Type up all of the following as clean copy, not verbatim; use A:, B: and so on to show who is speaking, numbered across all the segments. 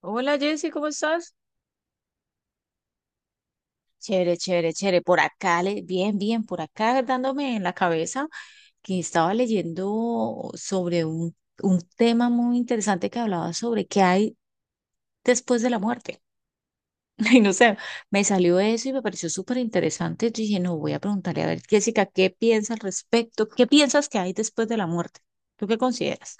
A: Hola Jessy, ¿cómo estás? Chévere, chévere, chévere. Por acá, bien, bien, por acá dándome en la cabeza que estaba leyendo sobre un tema muy interesante que hablaba sobre qué hay después de la muerte. Y no sé, me salió eso y me pareció súper interesante. Yo dije, no, voy a preguntarle a ver, Jessica, ¿qué piensa al respecto? ¿Qué piensas que hay después de la muerte? ¿Tú qué consideras?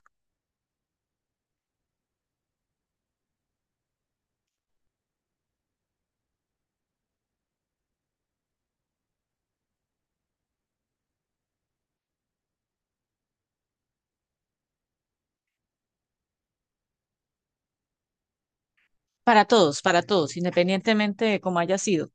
A: Para todos, independientemente de cómo haya sido.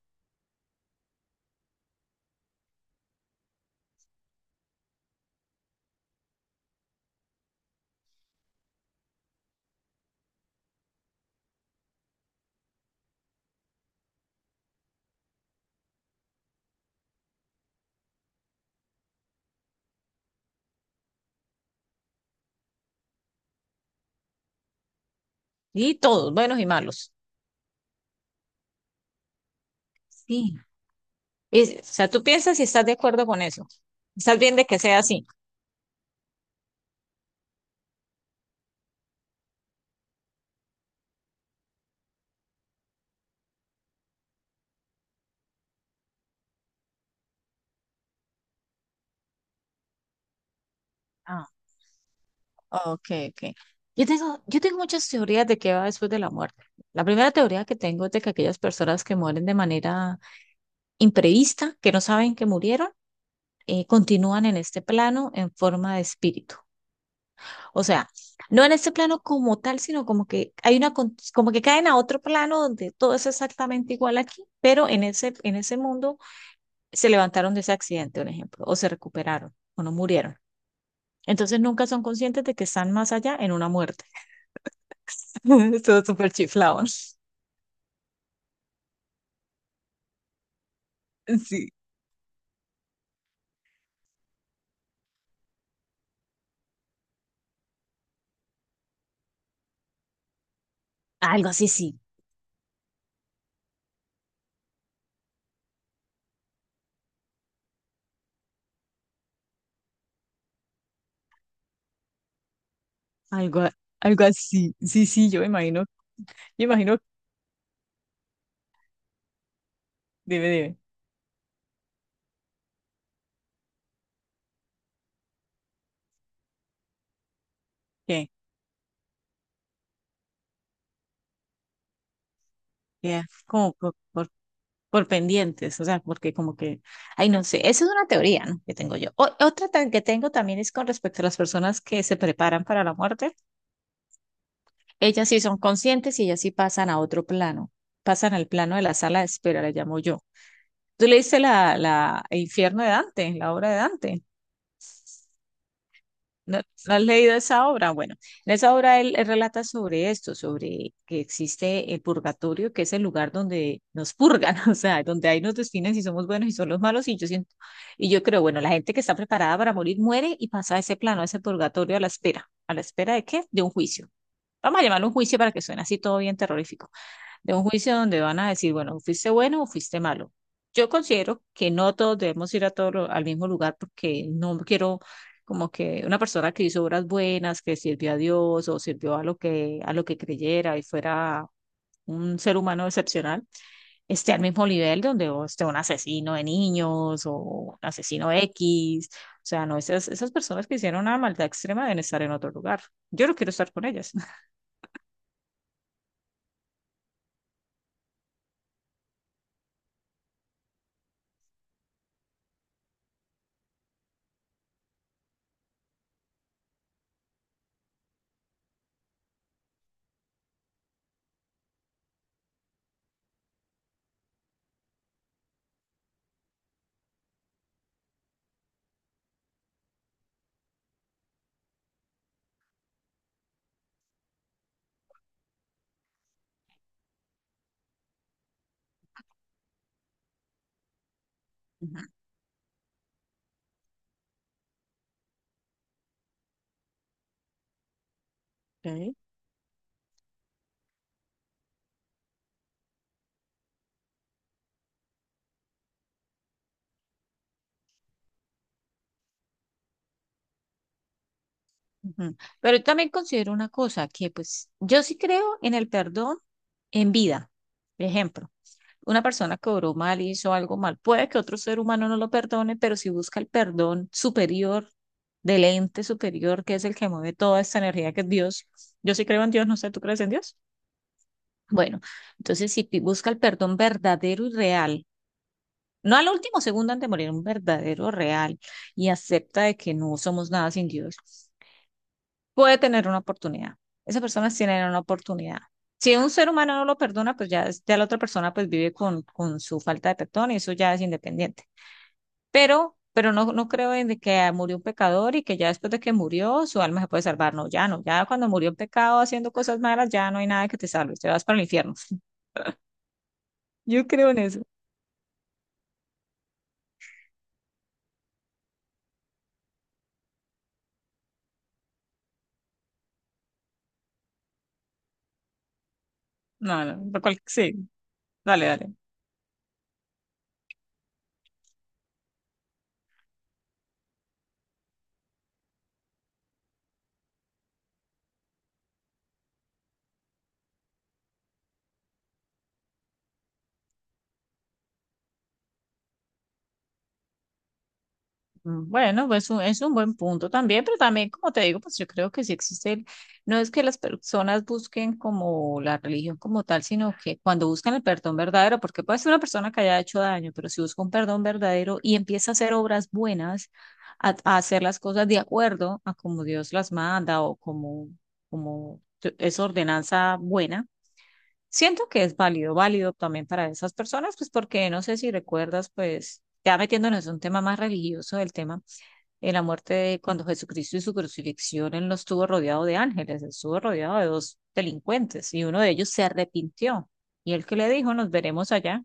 A: Y todos, buenos y malos. Sí. Y, o sea, tú piensas si estás de acuerdo con eso. Estás bien de que sea así. Ah, ok, ok. Yo tengo muchas teorías de qué va después de la muerte. La primera teoría que tengo es de que aquellas personas que mueren de manera imprevista, que no saben que murieron, continúan en este plano en forma de espíritu. O sea, no en este plano como tal, sino como que hay una, como que caen a otro plano donde todo es exactamente igual aquí, pero en ese mundo se levantaron de ese accidente, un ejemplo, o se recuperaron, o no murieron. Entonces nunca son conscientes de que están más allá en una muerte. Todo súper chiflado. Sí, algo así, sí. Algo, a- Algo así. Sí, sí, yo me imagino, yo imagino, debe, debe, que, que como por pendientes, o sea, porque como que, ay, no sé, esa es una teoría, ¿no? que tengo yo. Otra que tengo también es con respecto a las personas que se preparan para la muerte. Ellas sí son conscientes y ellas sí pasan a otro plano, pasan al plano de la sala de espera, le llamo yo. ¿Tú leíste El infierno de Dante, la obra de Dante? ¿No, no has leído esa obra? Bueno, en esa obra él relata sobre esto, sobre que existe el purgatorio, que es el lugar donde nos purgan, o sea, donde ahí nos definen si somos buenos y son los malos. Y yo siento, y yo creo, bueno, la gente que está preparada para morir muere y pasa a ese plano, a ese purgatorio a la espera. ¿A la espera de qué? De un juicio. Vamos a llamarlo un juicio para que suene así todo bien terrorífico, de un juicio donde van a decir, bueno, fuiste bueno o fuiste malo. Yo considero que no todos debemos ir a al mismo lugar porque no quiero como que una persona que hizo obras buenas, que sirvió a Dios o sirvió a lo que creyera y fuera un ser humano excepcional, esté al mismo nivel donde o esté un asesino de niños o un asesino X. O sea, no, esas, esas personas que hicieron una maldad extrema deben estar en otro lugar. Yo no quiero estar con ellas. Ujú. Ok. Ujú. Pero yo también considero una cosa, que pues yo sí creo en el perdón en vida. Por ejemplo, una persona que obró mal, hizo algo mal, puede que otro ser humano no lo perdone, pero si busca el perdón superior del ente superior, que es el que mueve toda esta energía, que es Dios. Yo sí creo en Dios, no sé, ¿tú crees en Dios? Bueno, entonces si busca el perdón verdadero y real, no al último segundo antes de morir, un verdadero real, y acepta de que no somos nada sin Dios. Puede tener una oportunidad. Esas personas tienen una oportunidad. Si un ser humano no lo perdona, pues ya, ya la otra persona pues vive con su falta de perdón y eso ya es independiente. Pero no, no creo en de que murió un pecador y que ya después de que murió su alma se puede salvar. No, ya no. Ya cuando murió en pecado haciendo cosas malas, ya no hay nada que te salve. Te vas para el infierno. Yo creo en eso. No, no, sí, dale, dale. Mm, bueno, pues es un buen punto también, pero también, como te digo, pues yo creo que sí existe no es que las personas busquen como la religión como tal, sino que cuando buscan el perdón verdadero, porque puede ser una persona que haya hecho daño, pero si busca un perdón verdadero y empieza a hacer obras buenas, a hacer las cosas de acuerdo a como Dios las manda o como, como es ordenanza buena, siento que es válido, válido también para esas personas, pues porque no sé si recuerdas, pues ya metiéndonos en un tema más religioso, el tema en la muerte de cuando Jesucristo y su crucifixión, él no estuvo rodeado de ángeles, él estuvo rodeado de dos delincuentes y uno de ellos se arrepintió. Y el que le dijo, nos veremos allá.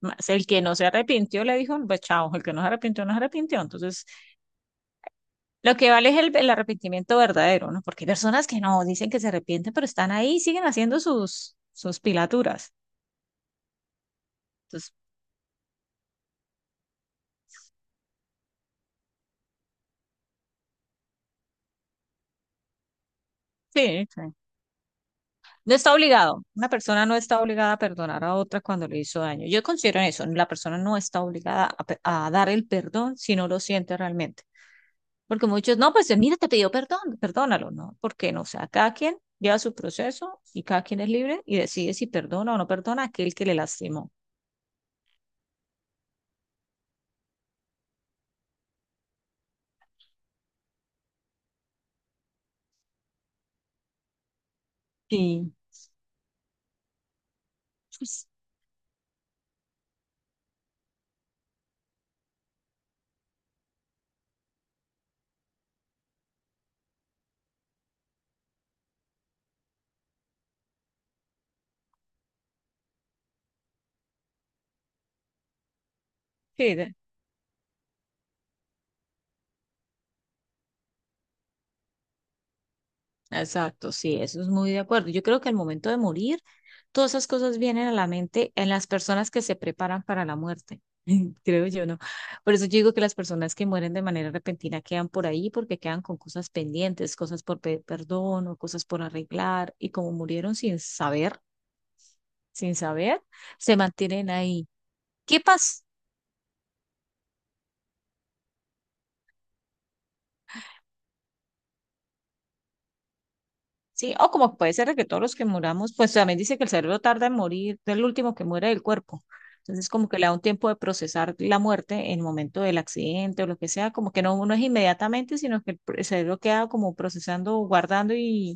A: Más el que no se arrepintió le dijo, pues chao, el que no se arrepintió, no se arrepintió. Entonces, lo que vale es el arrepentimiento verdadero, ¿no? Porque hay personas que no dicen que se arrepienten, pero están ahí, siguen haciendo sus pilaturas. Entonces, sí, sí. No está obligado. Una persona no está obligada a perdonar a otra cuando le hizo daño. Yo considero en eso. La persona no está obligada a, a dar el perdón si no lo siente realmente. Porque muchos, no, pues mira, te pidió perdón, perdónalo, ¿no? Porque no, o sea, cada quien lleva su proceso y cada quien es libre y decide si perdona o no perdona a aquel que le lastimó. Sí. Pues, sí, exacto, sí, eso es muy de acuerdo. Yo creo que al momento de morir, todas esas cosas vienen a la mente en las personas que se preparan para la muerte, creo yo, ¿no? Por eso yo digo que las personas que mueren de manera repentina quedan por ahí porque quedan con cosas pendientes, cosas por perdón o cosas por arreglar, y como murieron sin saber, sin saber, se mantienen ahí. ¿Qué pasó? Sí, o como puede ser de que todos los que muramos, pues también dice que el cerebro tarda en morir, es el último que muere del cuerpo. Entonces, como que le da un tiempo de procesar la muerte en el momento del accidente o lo que sea, como que no, no es inmediatamente, sino que el cerebro queda como procesando, guardando y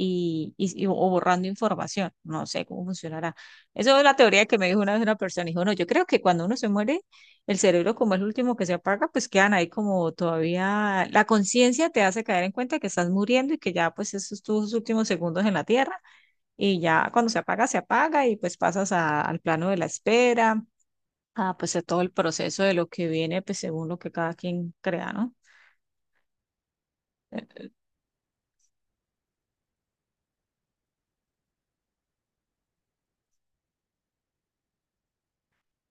A: o borrando información. No sé cómo funcionará. Eso es la teoría que me dijo una vez una persona. Dijo, no, yo creo que cuando uno se muere, el cerebro como es el último que se apaga, pues quedan ahí como todavía, la conciencia te hace caer en cuenta que estás muriendo y que ya pues esos tus últimos segundos en la tierra, y ya cuando se apaga y pues pasas al plano de la espera. Ah, pues a todo el proceso de lo que viene, pues según lo que cada quien crea, ¿no? Eh,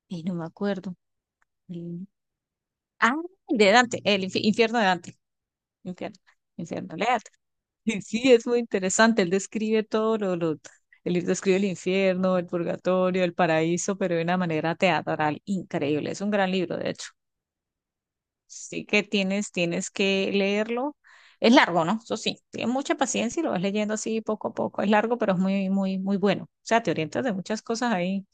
A: Y no me acuerdo. Mm. Ah, de Dante, el infierno de Dante. Infierno, infierno, léate. Y sí, es muy interesante. Él describe todo él describe el infierno, el purgatorio, el paraíso, pero de una manera teatral increíble. Es un gran libro, de hecho. Sí que tienes, tienes que leerlo. Es largo, ¿no? Eso sí, tienes mucha paciencia y lo vas leyendo así poco a poco. Es largo, pero es muy, muy, muy bueno. O sea, te orientas de muchas cosas ahí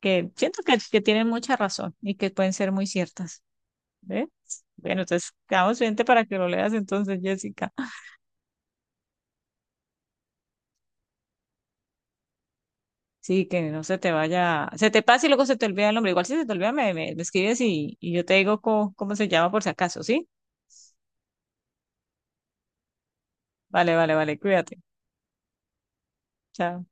A: que siento que tienen mucha razón y que pueden ser muy ciertas. ¿Ves? Bueno, entonces quedamos pendiente para que lo leas entonces, Jessica. Sí, que no se te vaya, se te pase y luego se te olvida el nombre. Igual si se te olvida, me escribes y yo te digo cómo se llama por si acaso, ¿sí? Vale, vale, vale, cuídate. Chao.